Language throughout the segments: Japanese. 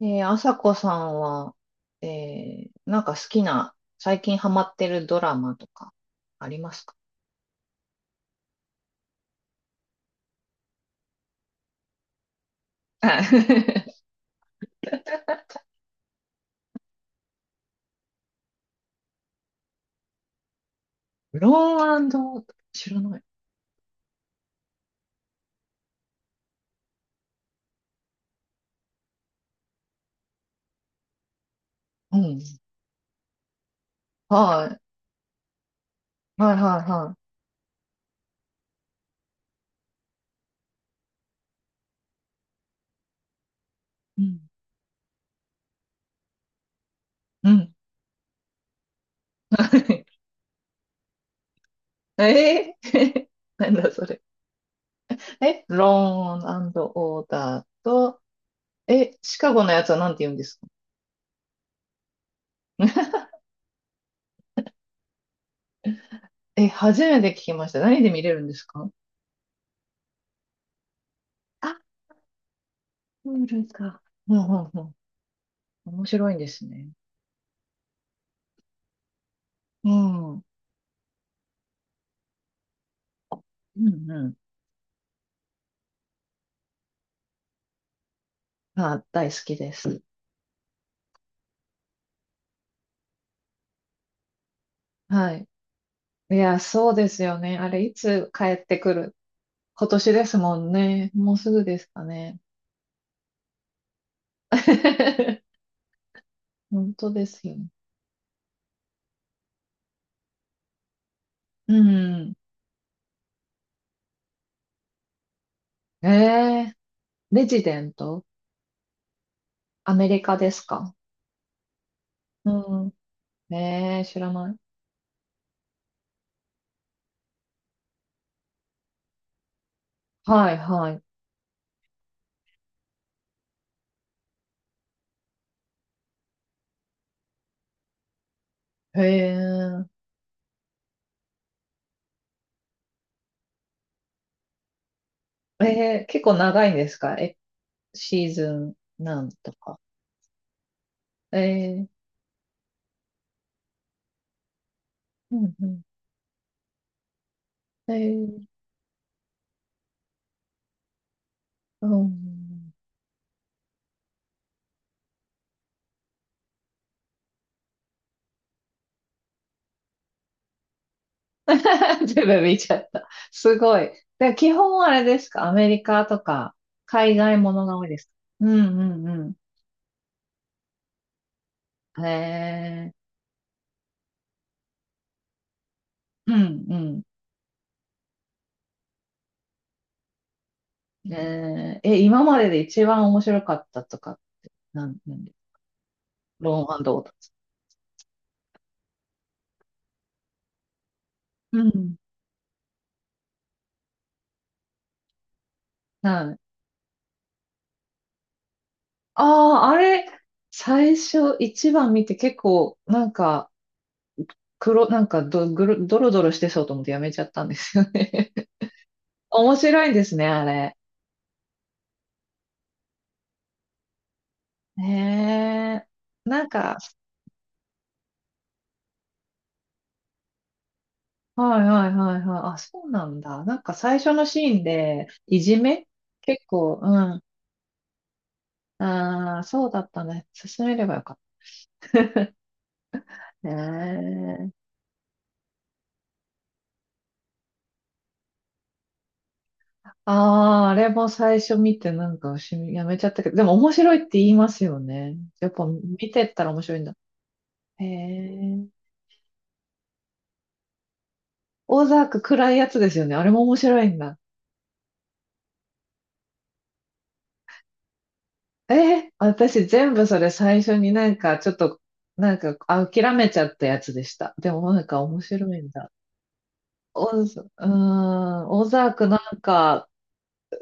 ねえー、朝子さんは、えなんか好きな、最近ハマってるドラマとか、ありますか？あ ローン知らない。うん。はい。はいはいはい。うん。うん。えー、なんだそれ。え、ローンオーダーと、え、シカゴのやつはなんて言うんですか？ え、初めて聞きました。何で見れるんですか？あ、プールか。うんうんうん。面白いんですね。うん。うんうん。あ、大好きです。はい。いや、そうですよね。あれ、いつ帰ってくる？今年ですもんね。もうすぐですかね。本当ですよ。うん。えー、レジデント？アメリカですか？うん。えー、知らない。はい、はい。ええ、えー、結構長いんですか？え、シーズンなんとか。えー、うん、うん。ええ、うん。全部見ちゃった。すごい。で、基本あれですか、アメリカとか、海外ものが多いですか？うんうんうん。へえ。うんうん。えー、え、今までで一番面白かったとか、なんで、ローンドーと、うん。はい。ああ、あれ、最初一番見て結構、なんか、黒、なんかど、ぐる、ドロドロしてそうと思ってやめちゃったんですよね。面白いんですね、あれ。へえ。なんか、はいはいはいはい。あ、そうなんだ。なんか最初のシーンで、いじめ結構、うん。ああ、そうだったね。進めればよかったね。ああ、あれも最初見てなんかしやめちゃったけど、でも面白いって言いますよね。やっぱ見てったら面白いんだ。へえ。オザーク暗いやつですよね。あれも面白いんだ。えー、私全部それ最初になんかちょっと、なんかあ諦めちゃったやつでした。でもなんか面白いんだ。オザークなんか、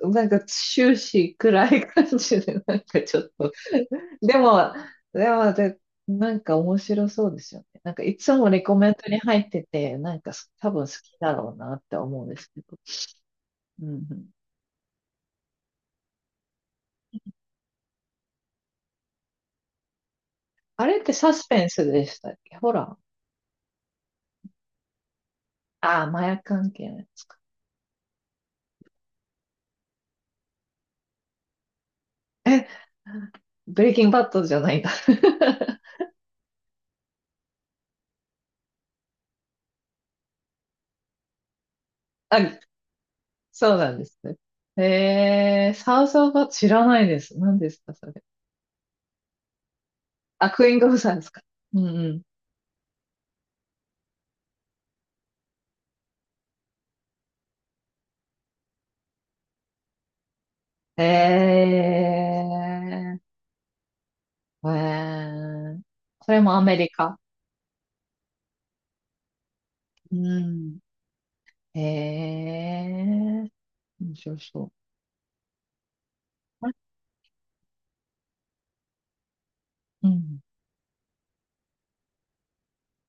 なんか終始暗い感じで、なんかちょっと、でも、でもで、なんか面白そうですよね。なんかいつもレコメントに入ってて、なんか多分好きだろうなって思うんですけど。うんうん、あれってサスペンスでしたっけ、ほら。ああ、麻薬関係のやつか。え、ブレイキングバッドじゃないんだ。あ、そうなんですね。えー、サウスオブバッド知らないです。何ですか、それ。あ、クイーン・ゴブさんですか。うんうん。えー、えー、それもアメリカ。うん。えー、面白そう。あ、うん。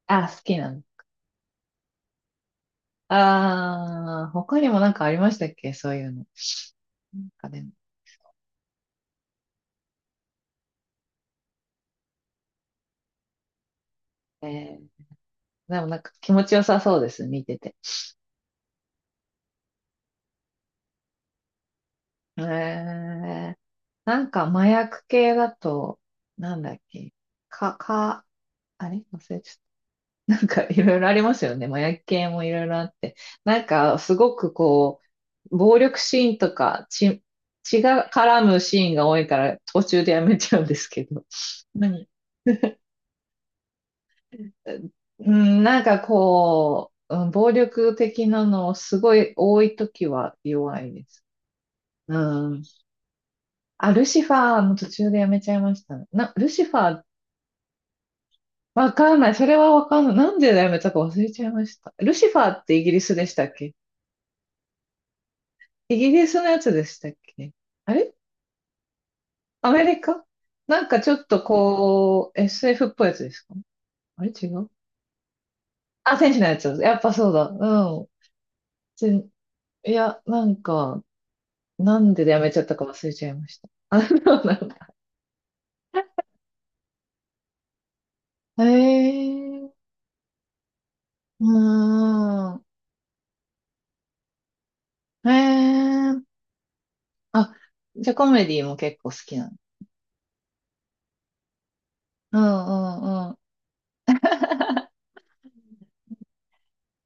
あ、好きなの。あー、他にもなんかありましたっけ、そういうの。なんかでも、えー、でもなんか気持ちよさそうです、見てて。えー、なんか麻薬系だと、なんだっけ、か、か、あれ忘れちゃった。なんかいろいろありますよね。麻薬系もいろいろあって。なんかすごくこう、暴力シーンとか血、血が絡むシーンが多いから途中でやめちゃうんですけど。何 うん、なんかこう、うん、暴力的なのすごい多いときは弱いです。うん。あ、ルシファーの途中でやめちゃいましたね。な、ルシファー、わかんない。それはわかんない。なんでやめたか忘れちゃいました。ルシファーってイギリスでしたっけ？イギリスのやつでしたっけ？あれアメリカ、なんかちょっとこう、SF っぽいやつですか？あれ違う？あ、天使のやつ。やっぱそうだ。うん。全いや、なんか、なんでやめちゃったか忘れちゃいました。あ、そうなんだ。へえー、うーん。へえー、あ、じゃあコメディも結構好きなの。うんうんうん。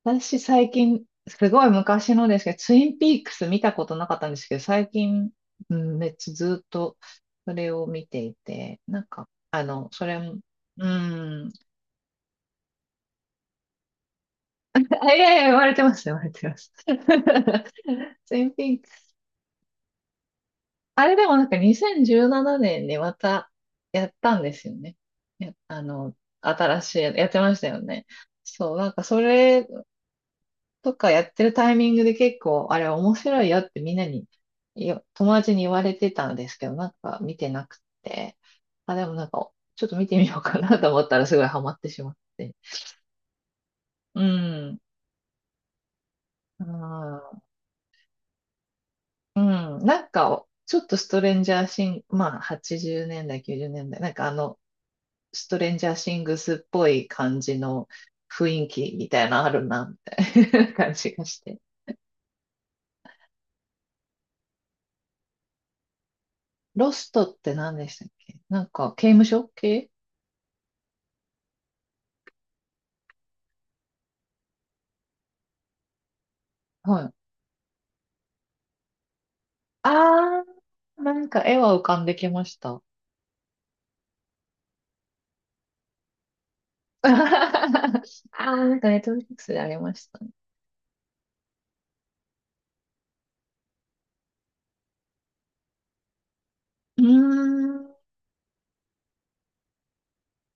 私最近、すごい昔のですけど、ツインピークス見たことなかったんですけど、最近、うん、めっちゃずっとそれを見ていて、なんか、それも、うん、あ、いやいや、言われてます、言われてます。ツインピークス。あれでもなんか2017年にまたやったんですよね。やあの、新しいや、やってましたよね。そう、なんかそれとかやってるタイミングで結構、あれ面白いよってみんなに、友達に言われてたんですけど、なんか見てなくて、あ、でもなんか、ちょっと見てみようかなと思ったらすごいハマってしまって。うん。あー、うん。なんか、ちょっとストレンジャーシング、まあ、80年代、90年代、なんかあの、ストレンジャーシングスっぽい感じの雰囲気みたいなのあるな、みたいな 感じがして。ロストって何でしたっけ、なんか、刑務所系？はい、あー、なんか絵は浮かんできました。ああ、なんかネットフリックスでありましたね。うーん。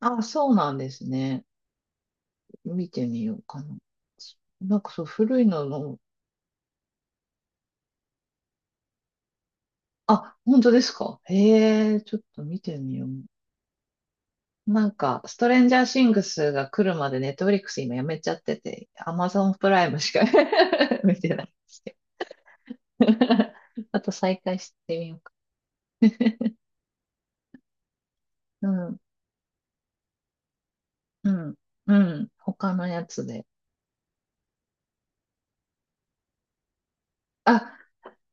あ、そうなんですね。見てみようかな。そなんかそう、古いのの、あ、本当ですか。へえ、ちょっと見てみよう。なんか、ストレンジャーシングスが来るまでネットフリックス今やめちゃってて、アマゾンプライムしか 見てないんですけど。あと再開してみようか。うん、うん、うん。他のやつで。あ、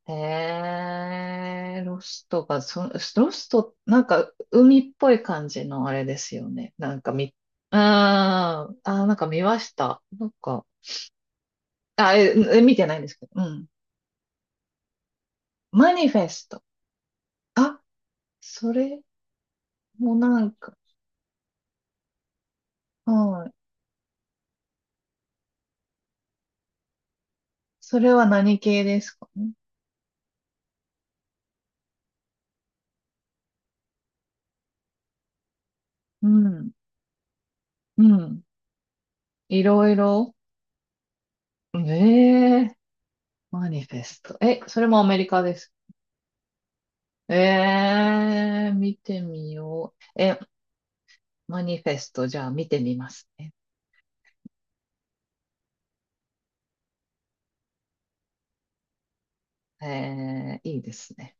へえ、ロストが、そ、ロスト、なんか、海っぽい感じのあれですよね。なんかみ、あーあー、なんか見ました。なんか、あ、え、え見てないんですけど、うん。マニフェスト。あ、それもなんか、はい。それは何系ですかね。うん、うん。いろいろ。ええ、マニフェスト。え、それもアメリカです。ええ、見てみよう。え、マニフェスト、じゃあ見てみますね。えー、いいですね。